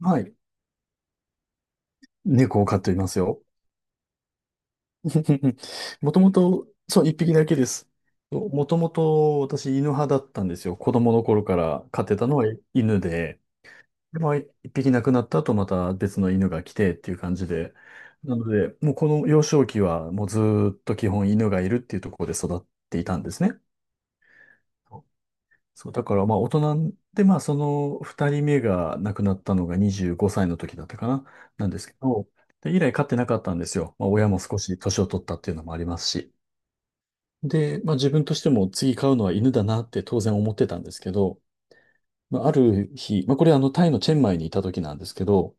はい。猫を飼っていますよ。もともと、そう、一匹だけです。もともと私犬派だったんですよ。子供の頃から飼ってたのは犬で、で、まあ、一匹亡くなった後また別の犬が来てっていう感じで、なので、もうこの幼少期はもうずーっと基本犬がいるっていうところで育っていたんですね。そう、だからまあ大人で、まあその二人目が亡くなったのが25歳の時だったかな、なんですけど、で、以来飼ってなかったんですよ。まあ親も少し年を取ったっていうのもありますし。で、まあ自分としても次飼うのは犬だなって当然思ってたんですけど、まあある日、まあこれあのタイのチェンマイにいた時なんですけど、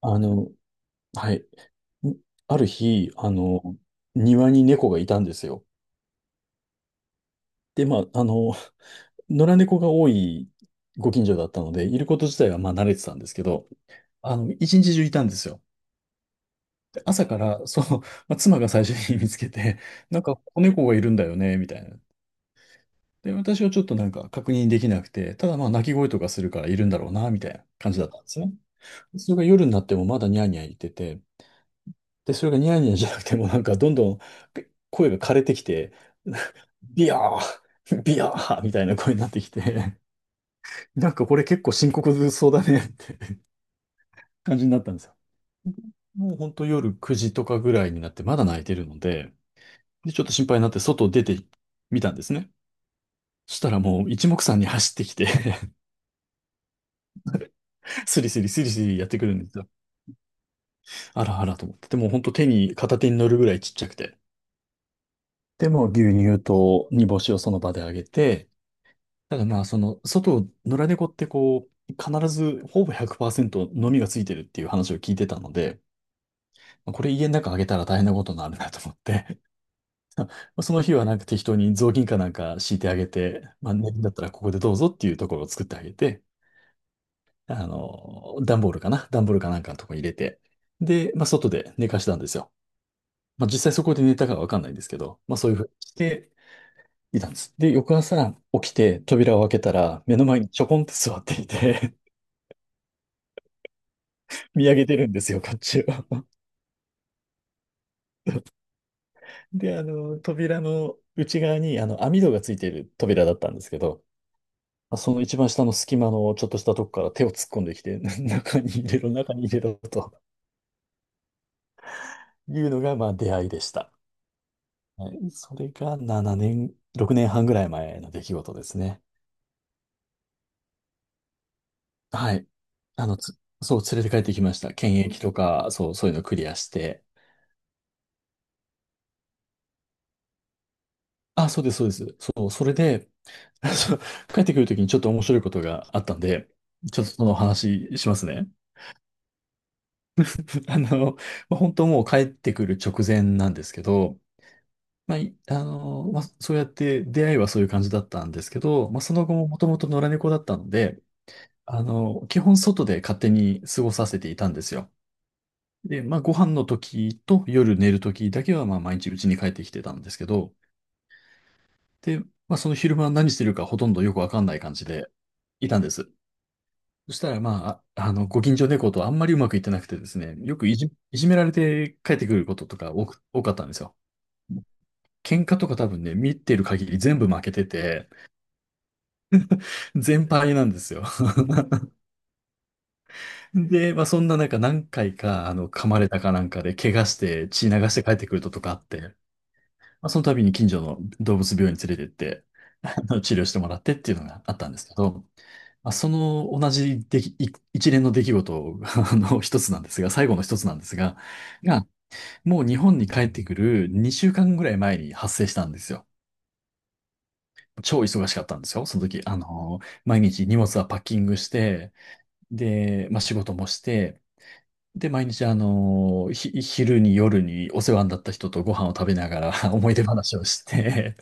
あの、はい、んある日、庭に猫がいたんですよ。で、まあ野良猫が多いご近所だったので、いること自体はまあ慣れてたんですけど、一日中いたんですよ。で、朝から、そう、まあ、妻が最初に見つけて、なんか子猫がいるんだよね、みたいな。で、私はちょっとなんか確認できなくて、ただまあ鳴き声とかするからいるんだろうな、みたいな感じだったんですね。それが夜になってもまだニャーニャー言ってて、で、それがニャーニャーじゃなくてもなんかどんどん声が枯れてきて、ビヤー、ビヤーみたいな声になってきて、なんかこれ結構深刻そうだねって感じになったんですよ。もうほんと夜9時とかぐらいになってまだ泣いてるので、で、ちょっと心配になって外出てみたんですね。そしたらもう一目散に走ってきて スリスリスリスリやってくるんですよ。あらあらと思って。でも本当手に、片手に乗るぐらいちっちゃくて。でもう牛乳と煮干しをその場であげて、ただまあその、外野良猫ってこう、必ずほぼ100%飲みがついてるっていう話を聞いてたので、まあこれ家の中あげたら大変なことになるなと思って まあその日はなんか適当に雑巾かなんか敷いてあげて、まあ、寝るんだったらここでどうぞっていうところを作ってあげて、段ボールかなんかのとこに入れて、で、まあ、外で寝かしたんですよ。まあ、実際そこで寝たかはわかんないんですけど、まあ、そういうふうにしていたんです。で、翌朝起きて扉を開けたら、目の前にちょこんって座っていて 見上げてるんですよ、こっちを。で、扉の内側に、網戸がついている扉だったんですけど、まあその一番下の隙間のちょっとしたとこから手を突っ込んできて、中に入れろ、中に入れろというのが、まあ、出会いでした。はい。それが7年、6年半ぐらい前の出来事ですね。はい。あの、つ、そう、連れて帰ってきました。検疫とか、そう、そういうのクリアして。あ、そうです、そうです。そう、それで、そう帰ってくるときにちょっと面白いことがあったんで、ちょっとその話しますね。あの、まあ、本当もう帰ってくる直前なんですけど、まあ、いあの、まあ、そうやって出会いはそういう感じだったんですけど、まあ、その後ももともと野良猫だったので、基本外で勝手に過ごさせていたんですよ。で、まあ、ご飯の時と夜寝る時だけは、まあ、毎日家に帰ってきてたんですけど、で、まあ、その昼間何してるかほとんどよくわかんない感じでいたんです。そしたら、まあ、ご近所猫とあんまりうまくいってなくてですね、よくいじ、いじめられて帰ってくることとか多かったんですよ。喧嘩とか多分ね、見てる限り全部負けてて、全敗なんですよ。で、まあ、そんな中何回か、噛まれたかなんかで、怪我して血流して帰ってくることとかあって、まあ、その度に近所の動物病院に連れてって、治療してもらってっていうのがあったんですけど、まあ、その同じでき、い一連の出来事あの一つなんですが、最後の一つなんですが、が、もう日本に帰ってくる2週間ぐらい前に発生したんですよ。超忙しかったんですよ。その時、毎日荷物はパッキングして、で、まあ、仕事もして、で、毎日、昼に夜にお世話になった人とご飯を食べながら 思い出話をして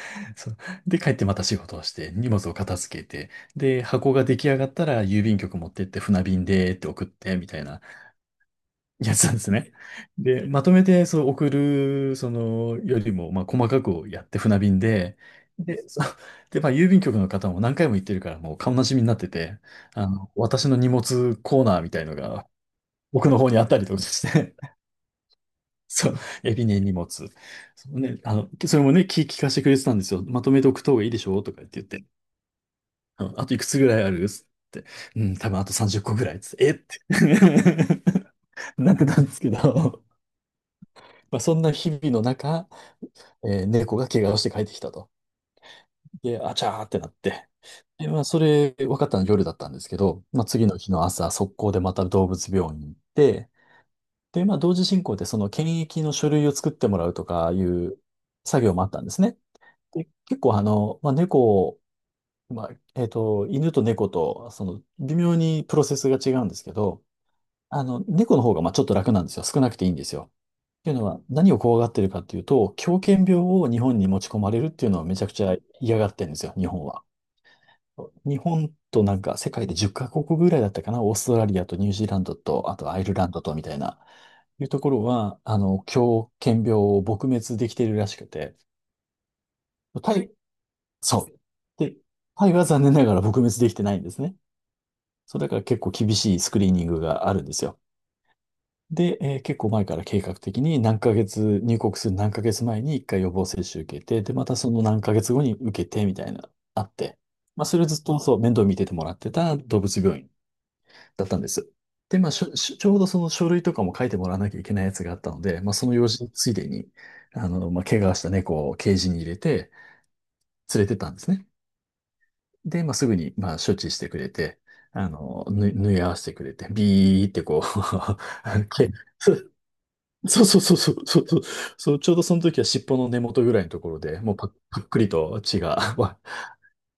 そう、で、帰ってまた仕事をして、荷物を片付けて、で、箱が出来上がったら郵便局持ってって船便でって送って、みたいなやつなんですね。で、まとめて、そう、送る、その、よりも、まあ、細かくやって船便で、で、そうで、まあ、郵便局の方も何回も行ってるから、もう顔なじみになってて、私の荷物コーナーみたいのが、僕の方にあったりとかしてそう、エビね、荷物。そうね、あの、それもね、聞、聞かせてくれてたんですよ。まとめておくといいでしょうとか言って、あのあといくつぐらいあるっつって、うん、多分あと30個ぐらいっつって、えって なってたんですけど、まあ、そんな日々の中、えー猫が怪我をして帰ってきたと。で、あちゃーってなって。で、まあ、それ分かったの夜だったんですけど、まあ、次の日の朝、速攻でまた動物病院に行って、で、まあ、同時進行でその検疫の書類を作ってもらうとかいう作業もあったんですね。で結構あの、まあ、猫、まあ、えっと、犬と猫と、その、微妙にプロセスが違うんですけど、猫の方が、まあ、ちょっと楽なんですよ。少なくていいんですよ。っていうのは、何を怖がってるかっていうと、狂犬病を日本に持ち込まれるっていうのをめちゃくちゃ嫌がってるんですよ、日本は。日本となんか世界で10カ国ぐらいだったかな、オーストラリアとニュージーランドと、あとアイルランドとみたいな、いうところは、狂犬病を撲滅できてるらしくて、タイそう。で、タイは残念ながら撲滅できてないんですね。そうだから結構厳しいスクリーニングがあるんですよ。で、えー結構前から計画的に何ヶ月、入国する何ヶ月前に一回予防接種受けて、で、またその何ヶ月後に受けてみたいな、あって。まあ、それずっとそう、面倒見ててもらってた動物病院だったんです。で、まあ、しょ、しょちょうどその書類とかも書いてもらわなきゃいけないやつがあったので、まあ、その用事ついでに、まあ、怪我した猫をケージに入れて連れてったんですね。で、まあ、すぐに、まあ、処置してくれて、縫い合わせてくれて、ビーってこう。 けそうそうそうそうそうそう、そうちょうどその時は尻尾の根元ぐらいのところで、もうパックリと血が、わ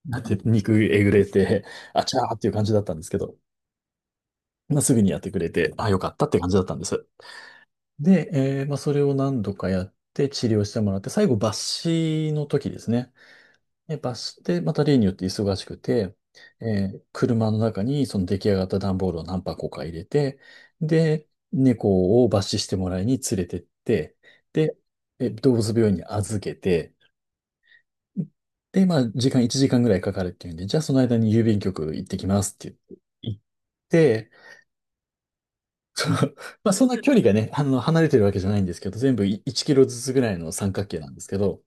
なんて、肉えぐれて、あちゃーっていう感じだったんですけど、まあ、すぐにやってくれて、あ、よかったって感じだったんです。で、まあ、それを何度かやって治療してもらって、最後抜歯の時ですね。で、バスで、また例によって忙しくて、車の中にその出来上がった段ボールを何箱か入れて、で、猫を罰視してもらいに連れてって、で、動物病院に預けて、で、まあ、時間1時間ぐらいかかるっていうんで、じゃあその間に郵便局行ってきますって言って行って、その、まあ、そんな距離がね、離れてるわけじゃないんですけど、全部1キロずつぐらいの三角形なんですけど、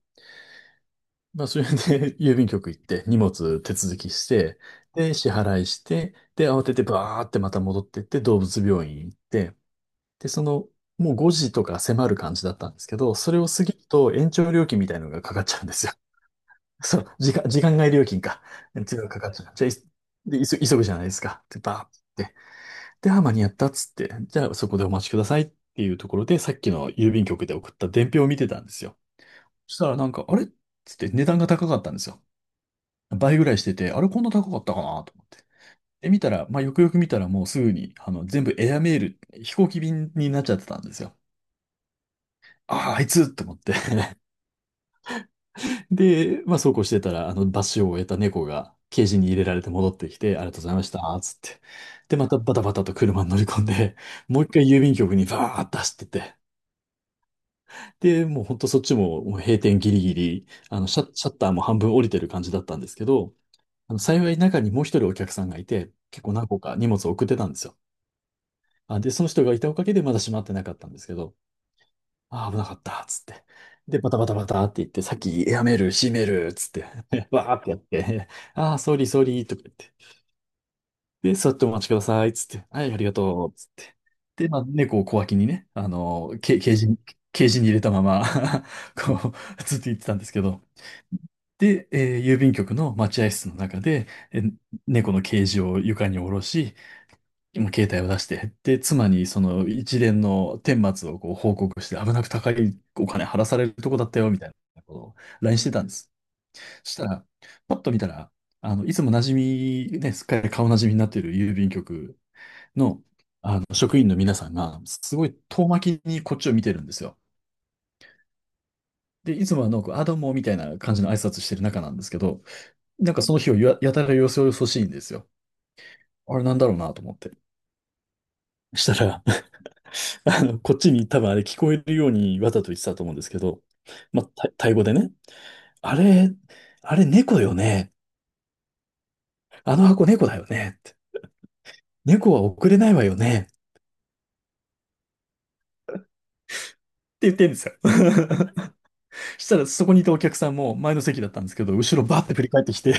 まあ、それで 郵便局行って荷物手続きして、で、支払いして、で、慌ててバーってまた戻ってって動物病院行って、で、その、もう5時とか迫る感じだったんですけど、それを過ぎると延長料金みたいなのがかかっちゃうんですよ。そう、時間外料金か。っていうのがかかっちゃう。じゃあ、急ぐじゃないですか。で、バーって。で、あ、間に合ったっつって、じゃあそこでお待ちくださいっていうところで、さっきの郵便局で送った伝票を見てたんですよ。そしたらなんか、あれっつって値段が高かったんですよ。倍ぐらいしてて、あれこんな高かったかなと思って。で、見たら、まあ、よくよく見たらもうすぐに、全部エアメール、飛行機便になっちゃってたんですよ。ああ、あいつと思って。 で、まあ、そうこうしてたら、罰を終えた猫が、ケージに入れられて戻ってきて、ありがとうございました、つって。で、またバタバタと車に乗り込んで、もう一回郵便局にバーッと走ってて。で、もうほんとそっちも、もう閉店ギリギリ、シャッターも半分降りてる感じだったんですけど、幸い中にもう一人お客さんがいて、結構何個か荷物を送ってたんですよ。あ、で、その人がいたおかげでまだ閉まってなかったんですけど、あー、危なかった、つって。で、バタバタバタって言って、さっきやめる、閉める、つって、わーってやって、あー、ソーリー、ソーリー、とか言って。で、座ってお待ちください、つって。はい、ありがとう、つって。で、まあ、猫を小脇にね、ケージに入れたまま こう、ずっと言ってたんですけど。で、郵便局の待合室の中で、猫のケージを床に下ろし、もう携帯を出して、で、妻にその一連の顛末をこう報告して、危なく高いお金払わされるとこだったよ、みたいなことを LINE してたんです。そしたら、パッと見たら、あの、いつも馴染み、ね、すっかり顔馴染みになっている郵便局の、職員の皆さんが、すごい遠巻きにこっちを見てるんですよ。で、いつもはなんか、あ、どうも、みたいな感じの挨拶してる中なんですけど、なんかその日をややたらよそよそしいんですよ。あれなんだろうなと思って。したら、こっちに多分あれ聞こえるようにわざと言ってたと思うんですけど、まあ、タイ語でね、あれ、あれ猫よね。あの箱猫だよね。って猫は送れないわよね。って言ってんですよ。したらそこにいたお客さんも前の席だったんですけど、後ろバーって振り返ってきて。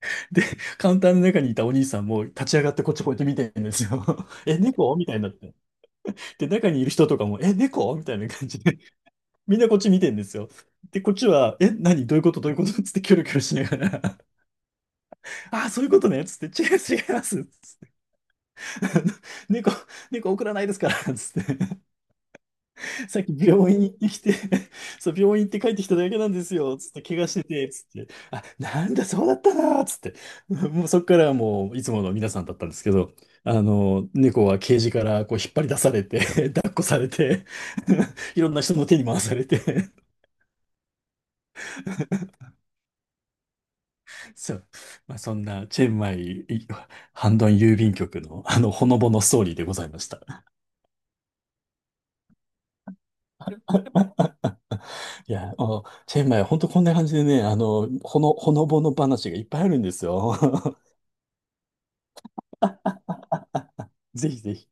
で、カウンターの中にいたお兄さんも立ち上がってこっちこうやって見てるんですよ。え、猫みたいになって。で、中にいる人とかも、え、猫みたいな感じで、みんなこっち見てんですよ。で、こっちは、え、何どういうことどういうことつってキョロキョロしながら、ああ、そういうことね、つって、違います違います。つって 猫、猫送らないですから、つって。さっき病院に来てきて、そう、病院行って帰ってきただけなんですよ、つって、怪我してて、つって。あ、なんだ、そうだったな、つって。もうそっからはもう、いつもの皆さんだったんですけど、猫はケージからこう引っ張り出されて、抱っこされて、いろんな人の手に回されて、そう。まあ、そんな、チェンマイ、いハンドン郵便局の、ほのぼのストーリーでございました。いや、チェンマイ、ほんとこんな感じでね、ほのぼの話がいっぱいあるんですよ。ぜひぜひ。